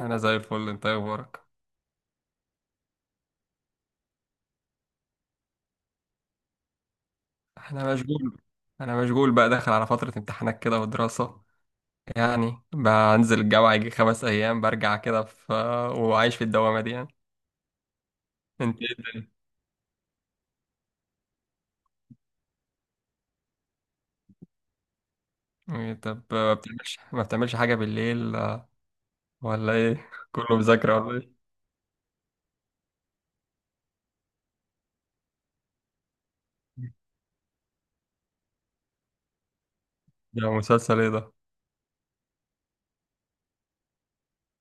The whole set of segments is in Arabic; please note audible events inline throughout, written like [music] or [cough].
انا زي الفل. انت إيه اخبارك؟ انا مشغول. انا مشغول بقى، داخل على فترة امتحانات كده ودراسة. يعني بنزل الجامعة يجي خمس ايام برجع كده، في وعايش في الدوامة دي يعني. انت ايه الدنيا؟ طب ما بتعملش حاجة بالليل؟ ولا ايه؟ [laughs] كله مذاكرة ولا ايه؟ ده مسلسل ايه ده؟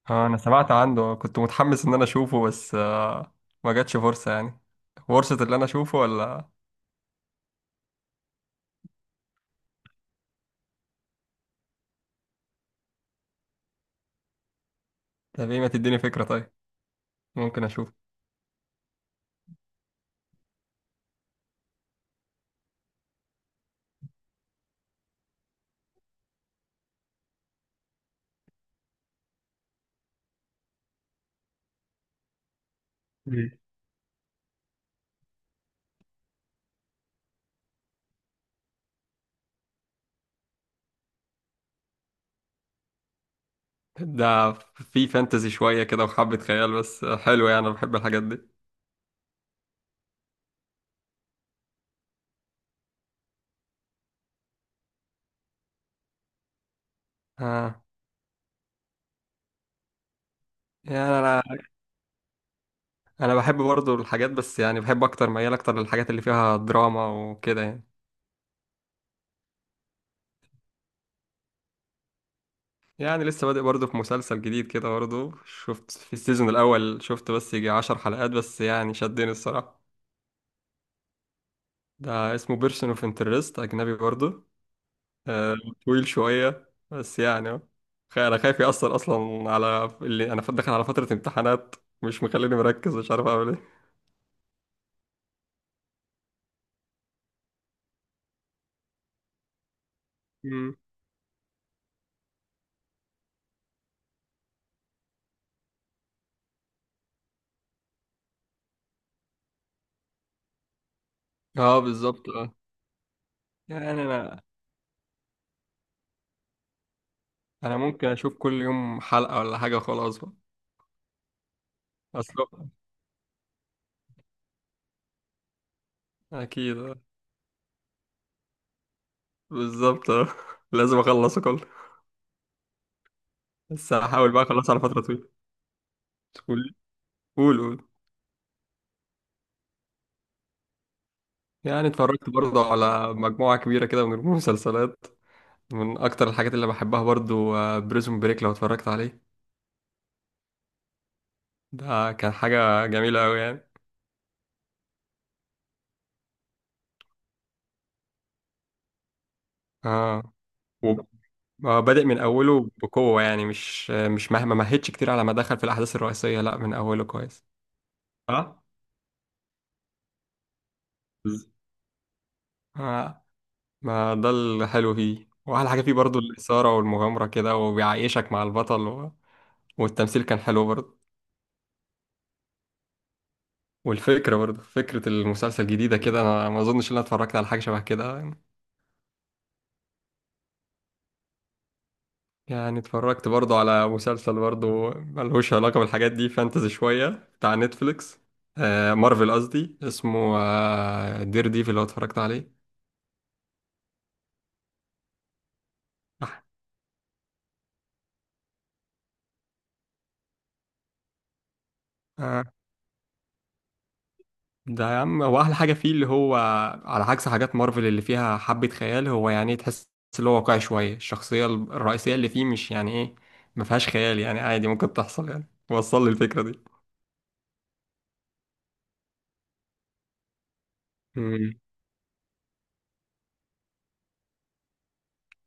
اه انا سمعت عنه، كنت متحمس ان انا اشوفه بس ما جاتش فرصة يعني. فرصة اللي انا اشوفه ولا؟ طب ايه، ما تديني فكرة طيب؟ ممكن اشوفه. ده في فانتزي شوية كده وحبة خيال، بس حلو يعني، أنا بحب الحاجات دي. آه. يعني أنا بحب برضو الحاجات، بس يعني بحب أكتر، ميال أكتر للحاجات اللي فيها دراما وكده يعني. يعني لسه بادئ برضو في مسلسل جديد كده برضو، شفت في السيزون الأول، شفت بس يجي عشر حلقات بس يعني شدني الصراحة. ده اسمه بيرسون اوف انترست، أجنبي برضو. آه. طويل شوية بس يعني أهو. أنا خايف يأثر أصلا على اللي، أنا داخل على فترة امتحانات، مش مخليني مركز، مش عارف أعمل إيه. اه بالظبط اه. يعني انا ممكن اشوف كل يوم حلقة ولا حاجة، خلاص بقى. اصل اكيد اه. بالظبط اه. [laughs] لازم اخلصه كله. بس هحاول بقى اخلصه على فترة طويلة. قول. قول. يعني اتفرجت برضه على مجموعة كبيرة كده من المسلسلات. من اكتر الحاجات اللي بحبها برضه بريزون بريك، لو اتفرجت عليه. ده كان حاجة جميلة قوي يعني. اه و- بادئ من اوله بقوة يعني، مش مهدش كتير على ما دخل في الاحداث الرئيسية، لا من اوله كويس. اه. آه، ما ده الحلو فيه، واحلى حاجه فيه برضو الاثاره والمغامره كده، وبيعيشك مع البطل و... والتمثيل كان حلو برضو. والفكره برضو، فكره المسلسل جديده كده، انا ما اظنش ان انا اتفرجت على حاجه شبه كده. يعني اتفرجت برضو على مسلسل برضو ملهوش علاقه بالحاجات دي، فانتزي شويه، بتاع نتفليكس. مارفل قصدي، اسمه دير ديفل، لو اتفرجت عليه. آه. ده يا عم هو احلى حاجه فيه، اللي هو على عكس حاجات مارفل اللي فيها حبه خيال، هو يعني تحس اللي هو واقعي شويه. الشخصيه الرئيسيه اللي فيه مش يعني ايه، ما فيهاش خيال يعني، عادي ممكن تحصل يعني، وصل لي الفكره دي. مم.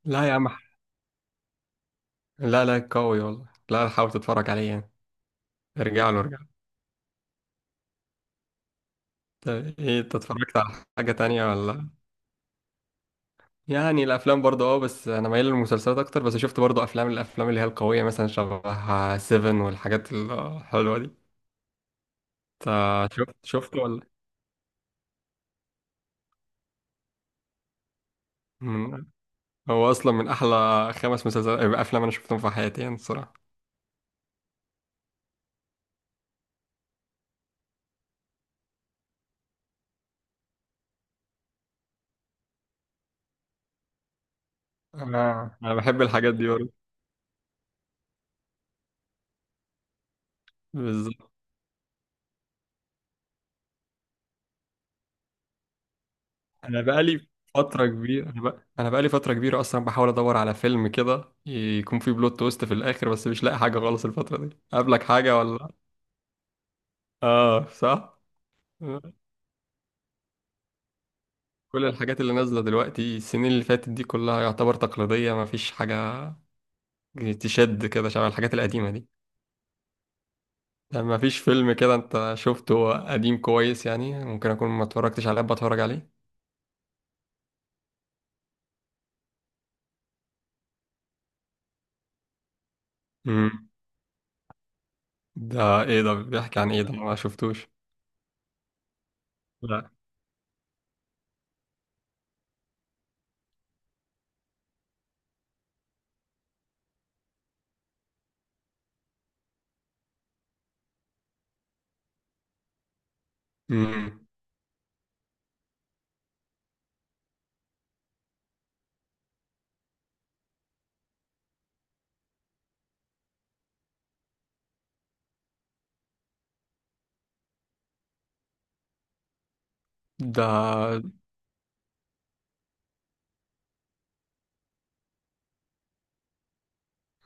لا يا عم، لا قوي والله، لا حاول تتفرج عليه يعني. ارجع له. طب ايه، انت اتفرجت على حاجه تانية ولا؟ يعني الافلام برضه اه، بس انا مايل للمسلسلات اكتر، بس شفت برضه افلام، الافلام اللي هي القويه مثلا شبه سيفن والحاجات الحلوه دي. انت شفت ولا؟ مم، هو اصلا من احلى خمس مسلسلات، افلام انا شفتهم في حياتي يعني الصراحه. آه. انا بحب الحاجات دي برضه. بالظبط. انا بقالي فتره كبيره، انا بقالي فتره كبيره اصلا بحاول ادور على فيلم كده يكون فيه بلوت تويست في الاخر، بس مش لاقي حاجه خالص. الفتره دي قابلك حاجه ولا؟ اه صح. كل الحاجات اللي نازله دلوقتي، السنين اللي فاتت دي كلها يعتبر تقليديه، ما فيش حاجه تشد كده شبه الحاجات القديمه دي. يعني ما فيش فيلم كده انت شفته قديم كويس، يعني ممكن اكون ما اتفرجتش عليه، بتفرج عليه. امم. ده ايه ده، بيحكي عن ايه ده؟ انا ما شفتوش. لا. امم. ده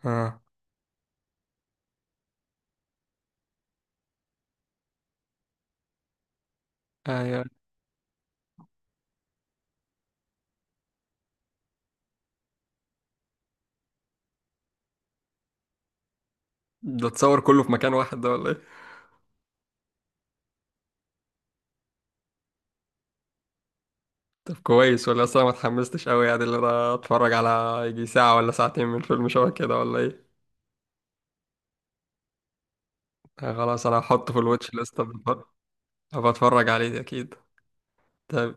اه. ايوه. ده اتصور كله في مكان واحد ده ولا ايه؟ طب كويس ولا اصلا ما اتحمستش قوي يعني، اللي انا اتفرج على يجي ساعة ولا ساعتين من فيلم شبه كده ولا ايه؟ آه خلاص انا هحطه في الواتش ليست. أبقى اتفرج عليه اكيد. طب.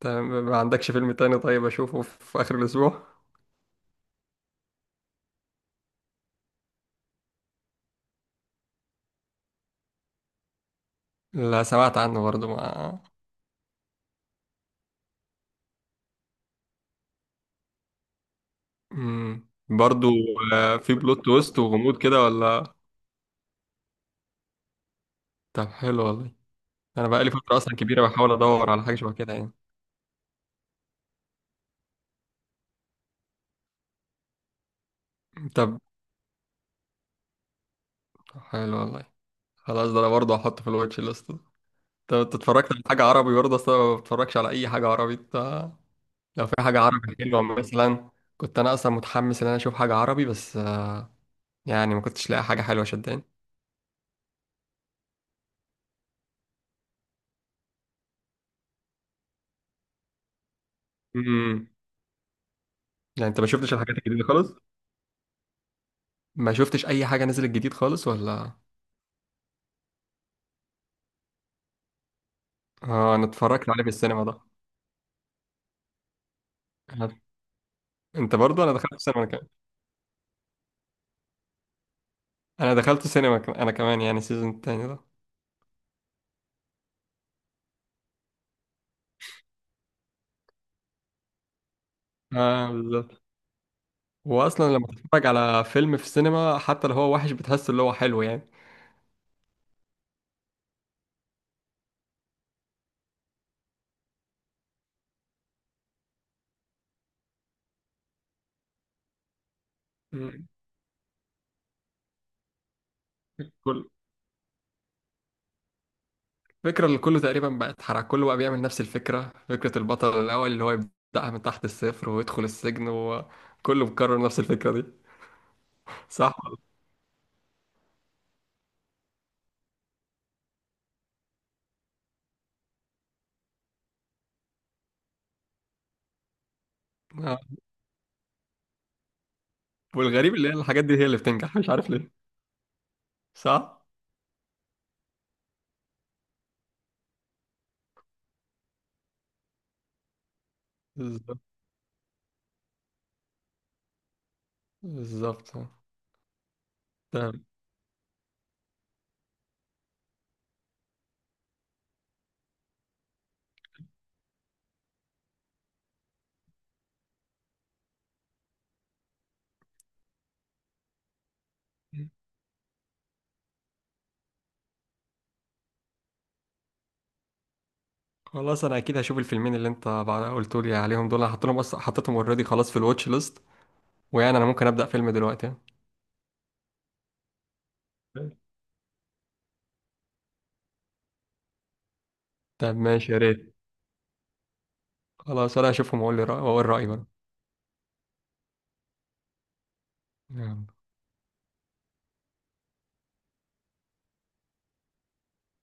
طب ما عندكش فيلم تاني طيب اشوفه في اخر الاسبوع؟ لا سمعت عنه برضو ما. برضو. في بلوت تويست وغموض كده ولا؟ طب حلو والله. انا بقالي فتره اصلا كبيره بحاول ادور على حاجه شبه كده يعني. طب حلو والله. خلاص ده انا برضه هحطه في الواتش ليست. طب انت اتفرجت على حاجه عربي برضه؟ اصلا ما بتفرجش على اي حاجه عربي انت؟ لو في حاجه عربي حلوه مثلا، كنت انا اصلا متحمس ان انا اشوف حاجه عربي، بس يعني ما كنتش لاقي حاجه حلوه شداني. امم. يعني انت ما شفتش الحاجات الجديده خالص؟ ما شفتش اي حاجه نزلت جديد خالص ولا؟ اه انا اتفرجت عليه في السينما ده. أنا- انت برضه، انا دخلت السينما انا كمان. انا دخلت السينما انا كمان يعني السيزون التاني ده. اه بالظبط. هو اصلا لما تتفرج على فيلم في السينما حتى لو هو وحش بتحس اللي هو حلو يعني. مم. كل الفكرة اللي كله تقريبا بقى اتحرق، كله بقى بيعمل نفس الفكرة، فكرة البطل الأول اللي هو يبدأها من تحت الصفر ويدخل السجن، وكله بيكرر نفس الفكرة دي. صح. آه. والغريب اللي هي الحاجات دي هي اللي بتنجح، مش عارف ليه. صح. بالظبط. بالظبط آه. تمام. خلاص انا اكيد هشوف الفيلمين اللي انت بعد قلت لي عليهم دول، انا حطيتهم بس، حطيتهم اوريدي خلاص في الواتش ليست. ويعني انا ممكن ابدا فيلم دلوقتي. يعني. طب ماشي يا ريت. خلاص ولا اشوفهم واقول لي رأي، واقول رأيي برضه. يلا.